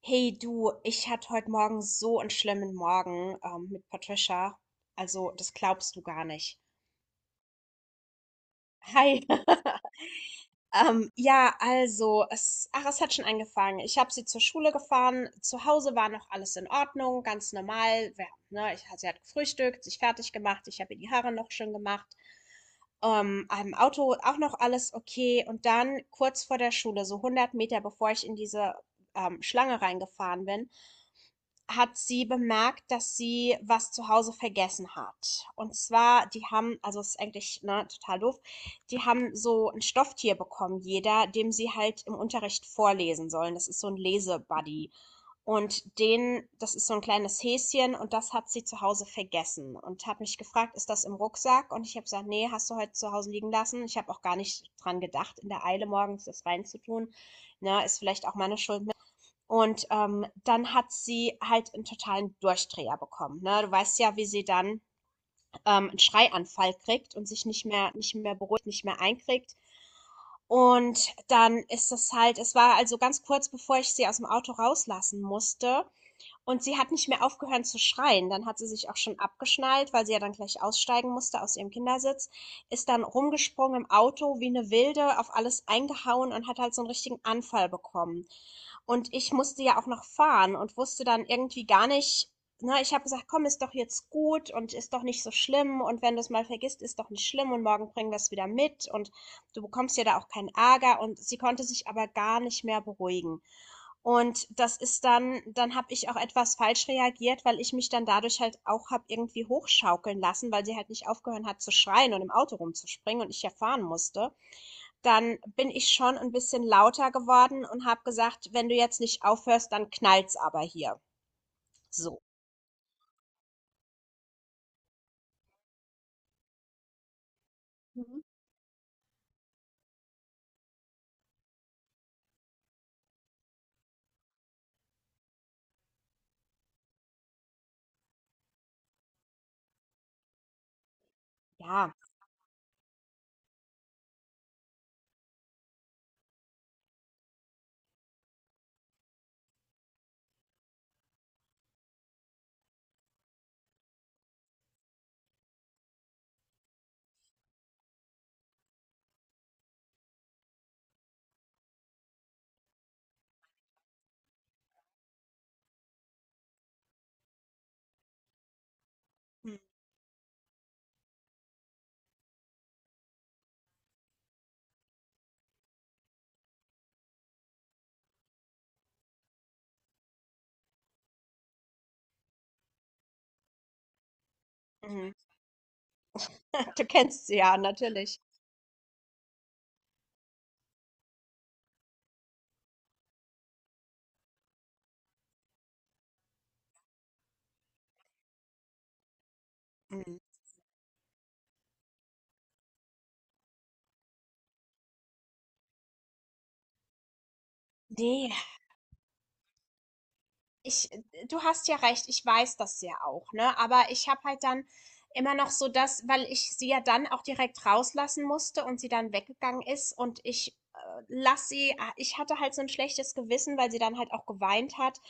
Hey du, ich hatte heute Morgen so einen schlimmen Morgen mit Patricia. Also, das glaubst du gar nicht. Hi. Ja, also, es hat schon angefangen. Ich habe sie zur Schule gefahren. Zu Hause war noch alles in Ordnung, ganz normal. Ja, ne, sie hat gefrühstückt, sich fertig gemacht. Ich habe ihr die Haare noch schön gemacht. Am Auto auch noch alles okay. Und dann kurz vor der Schule, so 100 Meter bevor ich in diese Schlange reingefahren bin, hat sie bemerkt, dass sie was zu Hause vergessen hat. Und zwar, die haben, also es ist eigentlich ne, total doof, die haben so ein Stofftier bekommen, jeder, dem sie halt im Unterricht vorlesen sollen. Das ist so ein Lesebuddy. Und das ist so ein kleines Häschen und das hat sie zu Hause vergessen und hat mich gefragt, ist das im Rucksack? Und ich habe gesagt, nee, hast du heute zu Hause liegen lassen. Ich habe auch gar nicht dran gedacht, in der Eile morgens das reinzutun. Na, ist vielleicht auch meine Schuld, und dann hat sie halt einen totalen Durchdreher bekommen. Ne? Du weißt ja, wie sie dann einen Schreianfall kriegt und sich nicht mehr beruhigt, nicht mehr einkriegt. Und dann ist das halt, es war also ganz kurz bevor ich sie aus dem Auto rauslassen musste. Und sie hat nicht mehr aufgehört zu schreien. Dann hat sie sich auch schon abgeschnallt, weil sie ja dann gleich aussteigen musste aus ihrem Kindersitz. Ist dann rumgesprungen im Auto wie eine Wilde, auf alles eingehauen und hat halt so einen richtigen Anfall bekommen. Und ich musste ja auch noch fahren und wusste dann irgendwie gar nicht, ne, ich habe gesagt, komm, ist doch jetzt gut und ist doch nicht so schlimm und wenn du es mal vergisst, ist doch nicht schlimm und morgen bringen wir es wieder mit und du bekommst ja da auch keinen Ärger und sie konnte sich aber gar nicht mehr beruhigen. Und das ist dann, dann habe ich auch etwas falsch reagiert, weil ich mich dann dadurch halt auch habe irgendwie hochschaukeln lassen, weil sie halt nicht aufgehört hat zu schreien und im Auto rumzuspringen und ich ja fahren musste. Dann bin ich schon ein bisschen lauter geworden und habe gesagt: „Wenn du jetzt nicht aufhörst, dann knallt's aber hier." So. Mhm. Ja. Mhm. Du kennst sie ja, natürlich. Mhm. Ne, ich, du hast ja recht, ich weiß das ja auch, ne? Aber ich habe halt dann immer noch so das, weil ich sie ja dann auch direkt rauslassen musste und sie dann weggegangen ist und ich hatte halt so ein schlechtes Gewissen, weil sie dann halt auch geweint hat,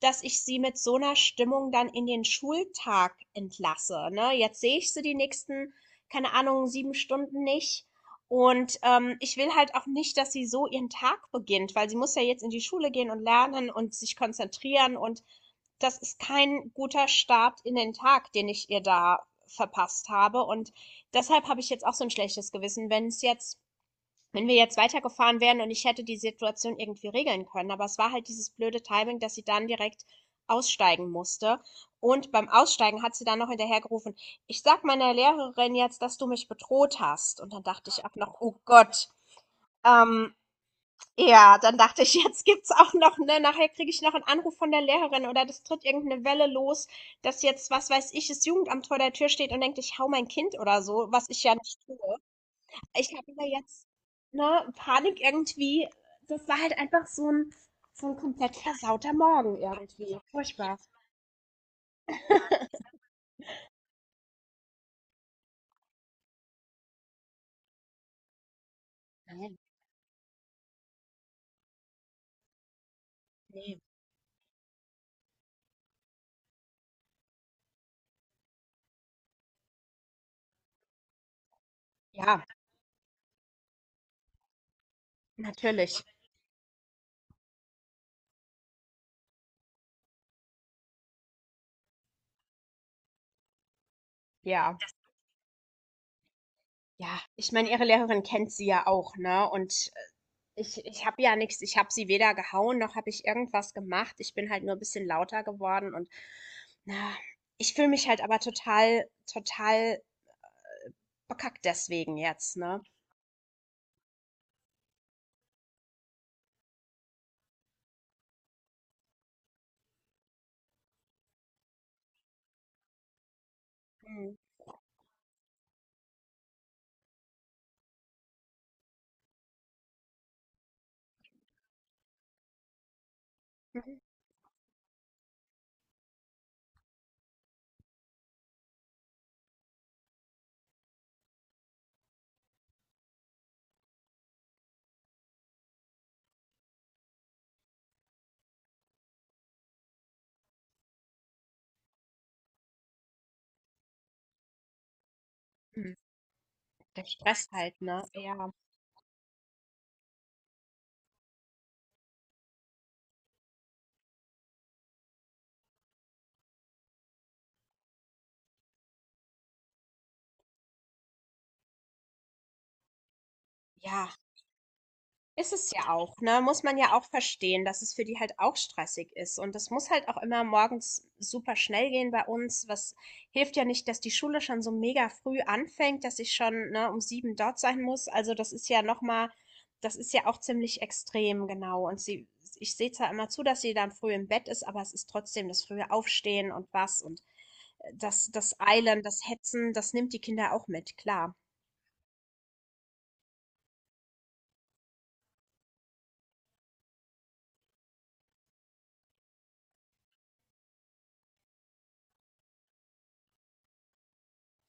dass ich sie mit so einer Stimmung dann in den Schultag entlasse, ne? Jetzt sehe ich sie die nächsten, keine Ahnung, 7 Stunden nicht. Und ich will halt auch nicht, dass sie so ihren Tag beginnt, weil sie muss ja jetzt in die Schule gehen und lernen und sich konzentrieren. Und das ist kein guter Start in den Tag, den ich ihr da verpasst habe. Und deshalb habe ich jetzt auch so ein schlechtes Gewissen, wenn wir jetzt weitergefahren wären und ich hätte die Situation irgendwie regeln können. Aber es war halt dieses blöde Timing, dass sie dann direkt aussteigen musste. Und beim Aussteigen hat sie dann noch hinterhergerufen, ich sag meiner Lehrerin jetzt, dass du mich bedroht hast. Und dann dachte ich auch noch, oh Gott. Ähm, ja, dann dachte ich, jetzt gibt's auch noch, ne, nachher kriege ich noch einen Anruf von der Lehrerin oder das tritt irgendeine Welle los, dass jetzt, was weiß ich, das Jugendamt vor der Tür steht und denkt, ich hau mein Kind oder so, was ich ja nicht tue. Ich habe da jetzt, ne, Panik irgendwie. Das war halt einfach so ein komplett versauter Morgen irgendwie. Furchtbar. Ne. Ja, natürlich. Ja, ja. Ich meine, ihre Lehrerin kennt sie ja auch, ne? Und ich habe ja nichts. Ich habe sie weder gehauen, noch habe ich irgendwas gemacht. Ich bin halt nur ein bisschen lauter geworden und, na, ich fühle mich halt aber total total bekackt deswegen jetzt, ne? Mhm. Mhm. Mhm. Der Stress halt, ne? Ja. Ja. Ist es ja auch, ne? Muss man ja auch verstehen, dass es für die halt auch stressig ist. Und das muss halt auch immer morgens super schnell gehen bei uns. Was hilft ja nicht, dass die Schule schon so mega früh anfängt, dass ich schon, ne, um sieben dort sein muss. Also das ist ja nochmal, das ist ja auch ziemlich extrem, genau. Und ich sehe zwar immer zu, dass sie dann früh im Bett ist, aber es ist trotzdem das frühe Aufstehen und was und das Eilen, das Hetzen, das nimmt die Kinder auch mit, klar.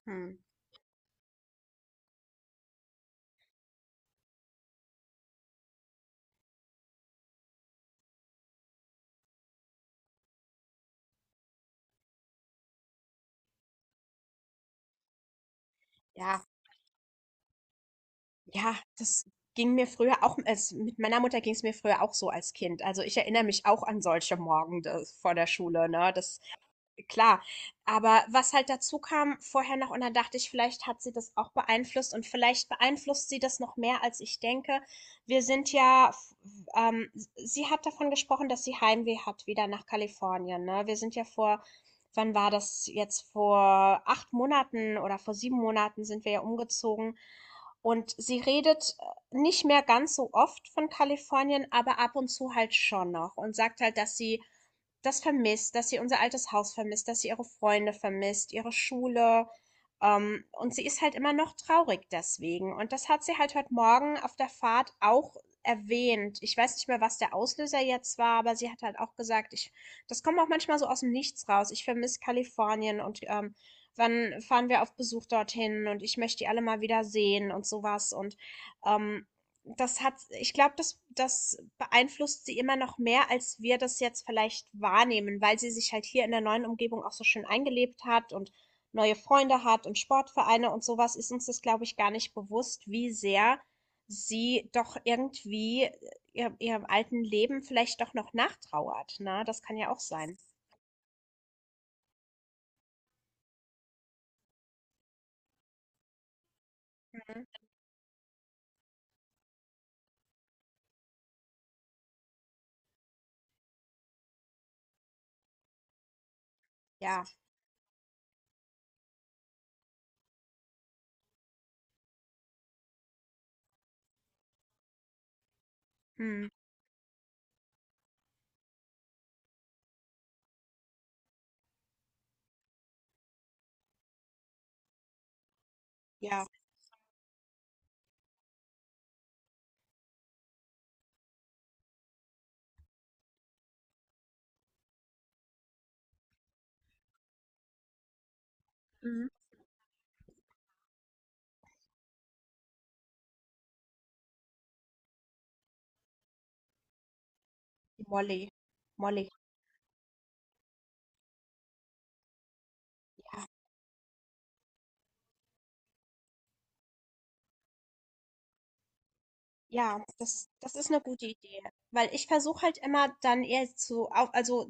Hm. Ja. Ja, das ging mir früher auch. Also, mit meiner Mutter ging es mir früher auch so als Kind. Also, ich erinnere mich auch an solche Morgende vor der Schule, ne? Das klar. Aber was halt dazu kam vorher noch und dann dachte ich, vielleicht hat sie das auch beeinflusst und vielleicht beeinflusst sie das noch mehr, als ich denke. Wir sind ja, f- ähm, sie hat davon gesprochen, dass sie Heimweh hat wieder nach Kalifornien, ne? Wir sind ja vor, wann war das jetzt? Vor 8 Monaten oder vor 7 Monaten sind wir ja umgezogen. Und sie redet nicht mehr ganz so oft von Kalifornien, aber ab und zu halt schon noch und sagt halt, dass sie das vermisst, dass sie unser altes Haus vermisst, dass sie ihre Freunde vermisst, ihre Schule. Und sie ist halt immer noch traurig deswegen. Und das hat sie halt heute Morgen auf der Fahrt auch erwähnt. Ich weiß nicht mehr, was der Auslöser jetzt war, aber sie hat halt auch gesagt, das kommt auch manchmal so aus dem Nichts raus. Ich vermisse Kalifornien und wann fahren wir auf Besuch dorthin und ich möchte die alle mal wieder sehen und sowas. Und ähm, ich glaube, das beeinflusst sie immer noch mehr, als wir das jetzt vielleicht wahrnehmen, weil sie sich halt hier in der neuen Umgebung auch so schön eingelebt hat und neue Freunde hat und Sportvereine und sowas, ist uns das, glaube ich, gar nicht bewusst, wie sehr sie doch irgendwie ihrem alten Leben vielleicht doch noch nachtrauert. Ne? Das kann ja auch sein. Mhm. Ja, hm. Ja, Mhm. Die Molly. Molly. Ja, das ist 'ne gute Idee, weil ich versuche halt immer dann eher zu au also,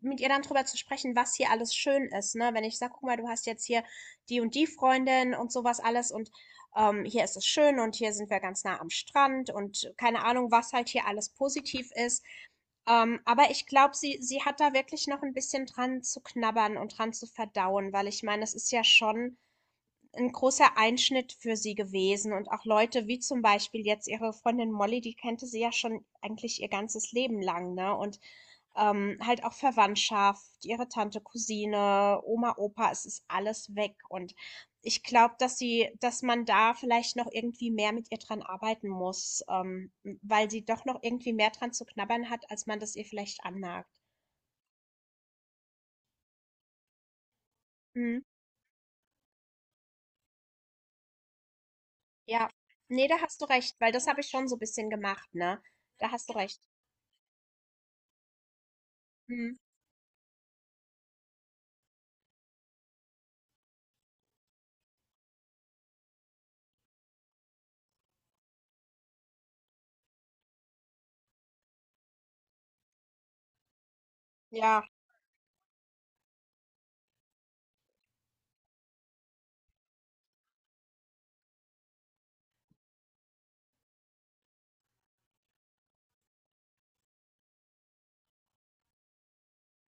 mit ihr dann drüber zu sprechen, was hier alles schön ist, ne? Wenn ich sage: „Guck mal, du hast jetzt hier die und die Freundin und sowas alles und, hier ist es schön und hier sind wir ganz nah am Strand" und keine Ahnung, was halt hier alles positiv ist. Aber ich glaube, sie hat da wirklich noch ein bisschen dran zu knabbern und dran zu verdauen, weil ich meine, es ist ja schon ein großer Einschnitt für sie gewesen und auch Leute wie zum Beispiel jetzt ihre Freundin Molly, die kannte sie ja schon eigentlich ihr ganzes Leben lang, ne? Und, halt auch Verwandtschaft, ihre Tante, Cousine, Oma, Opa, es ist alles weg. Und ich glaube, dass man da vielleicht noch irgendwie mehr mit ihr dran arbeiten muss, weil sie doch noch irgendwie mehr dran zu knabbern hat, als man das ihr vielleicht anmerkt. Mhm. Ja. Nee, da hast du recht, weil das habe ich schon so ein bisschen gemacht, ne? Da hast du recht. Mhm. Ja.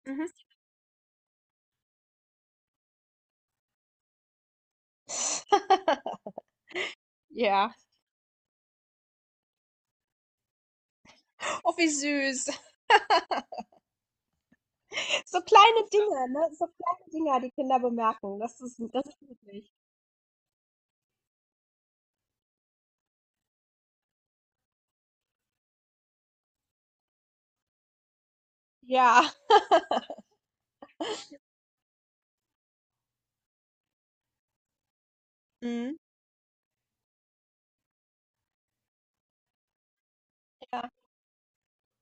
Mhm. Ja. Oh, wie süß. So kleine Dinge, ne? So kleine Dinger, die Kinder bemerken. Das ist wirklich. Ja, Mhm. Ja,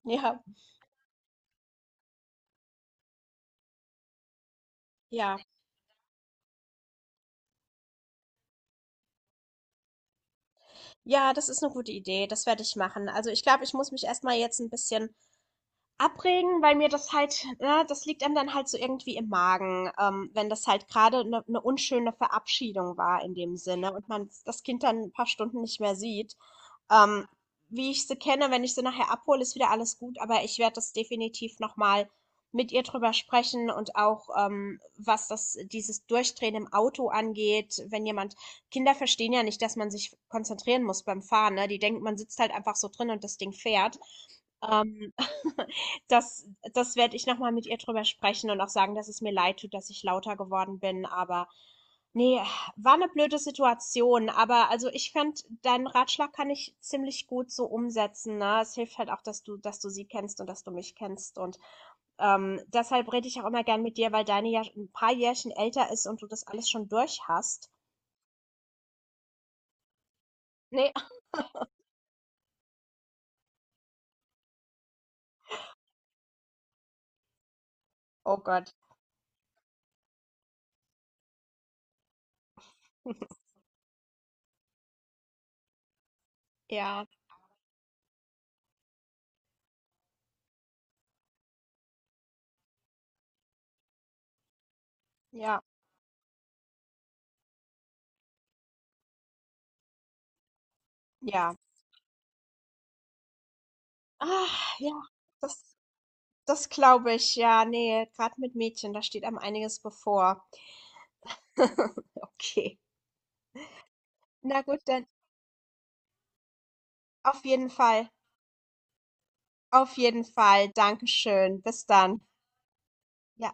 ja, ja. Ja, das ist eine gute Idee. Das werde ich machen. Also ich glaube, ich muss mich erstmal jetzt ein bisschen abregen, weil mir das halt ne, das liegt einem dann halt so irgendwie im Magen, wenn das halt gerade eine 'ne unschöne Verabschiedung war in dem Sinne und man das Kind dann ein paar Stunden nicht mehr sieht. Ähm, wie ich sie kenne, wenn ich sie nachher abhole, ist wieder alles gut, aber ich werde das definitiv nochmal mit ihr drüber sprechen und auch, was das dieses Durchdrehen im Auto angeht, wenn jemand Kinder verstehen ja nicht, dass man sich konzentrieren muss beim Fahren, ne? Die denken, man sitzt halt einfach so drin und das Ding fährt. Ähm, das das werde ich noch mal mit ihr drüber sprechen und auch sagen, dass es mir leid tut, dass ich lauter geworden bin, aber nee, war 'ne blöde Situation, aber also, ich fand, deinen Ratschlag kann ich ziemlich gut so umsetzen, ne? Es hilft halt auch, dass du sie kennst und dass du mich kennst und, deshalb rede ich auch immer gern mit dir, weil deine ja ein paar Jährchen älter ist und du das alles schon durch hast. Ne, oh Gott. Ja, ja, ja. Ah, ja, das Das glaube ich, ja, ne, gerade mit Mädchen, da steht einem einiges bevor. Okay. Na gut, dann auf jeden Fall. Auf jeden Fall. Dankeschön. Bis dann. Ja.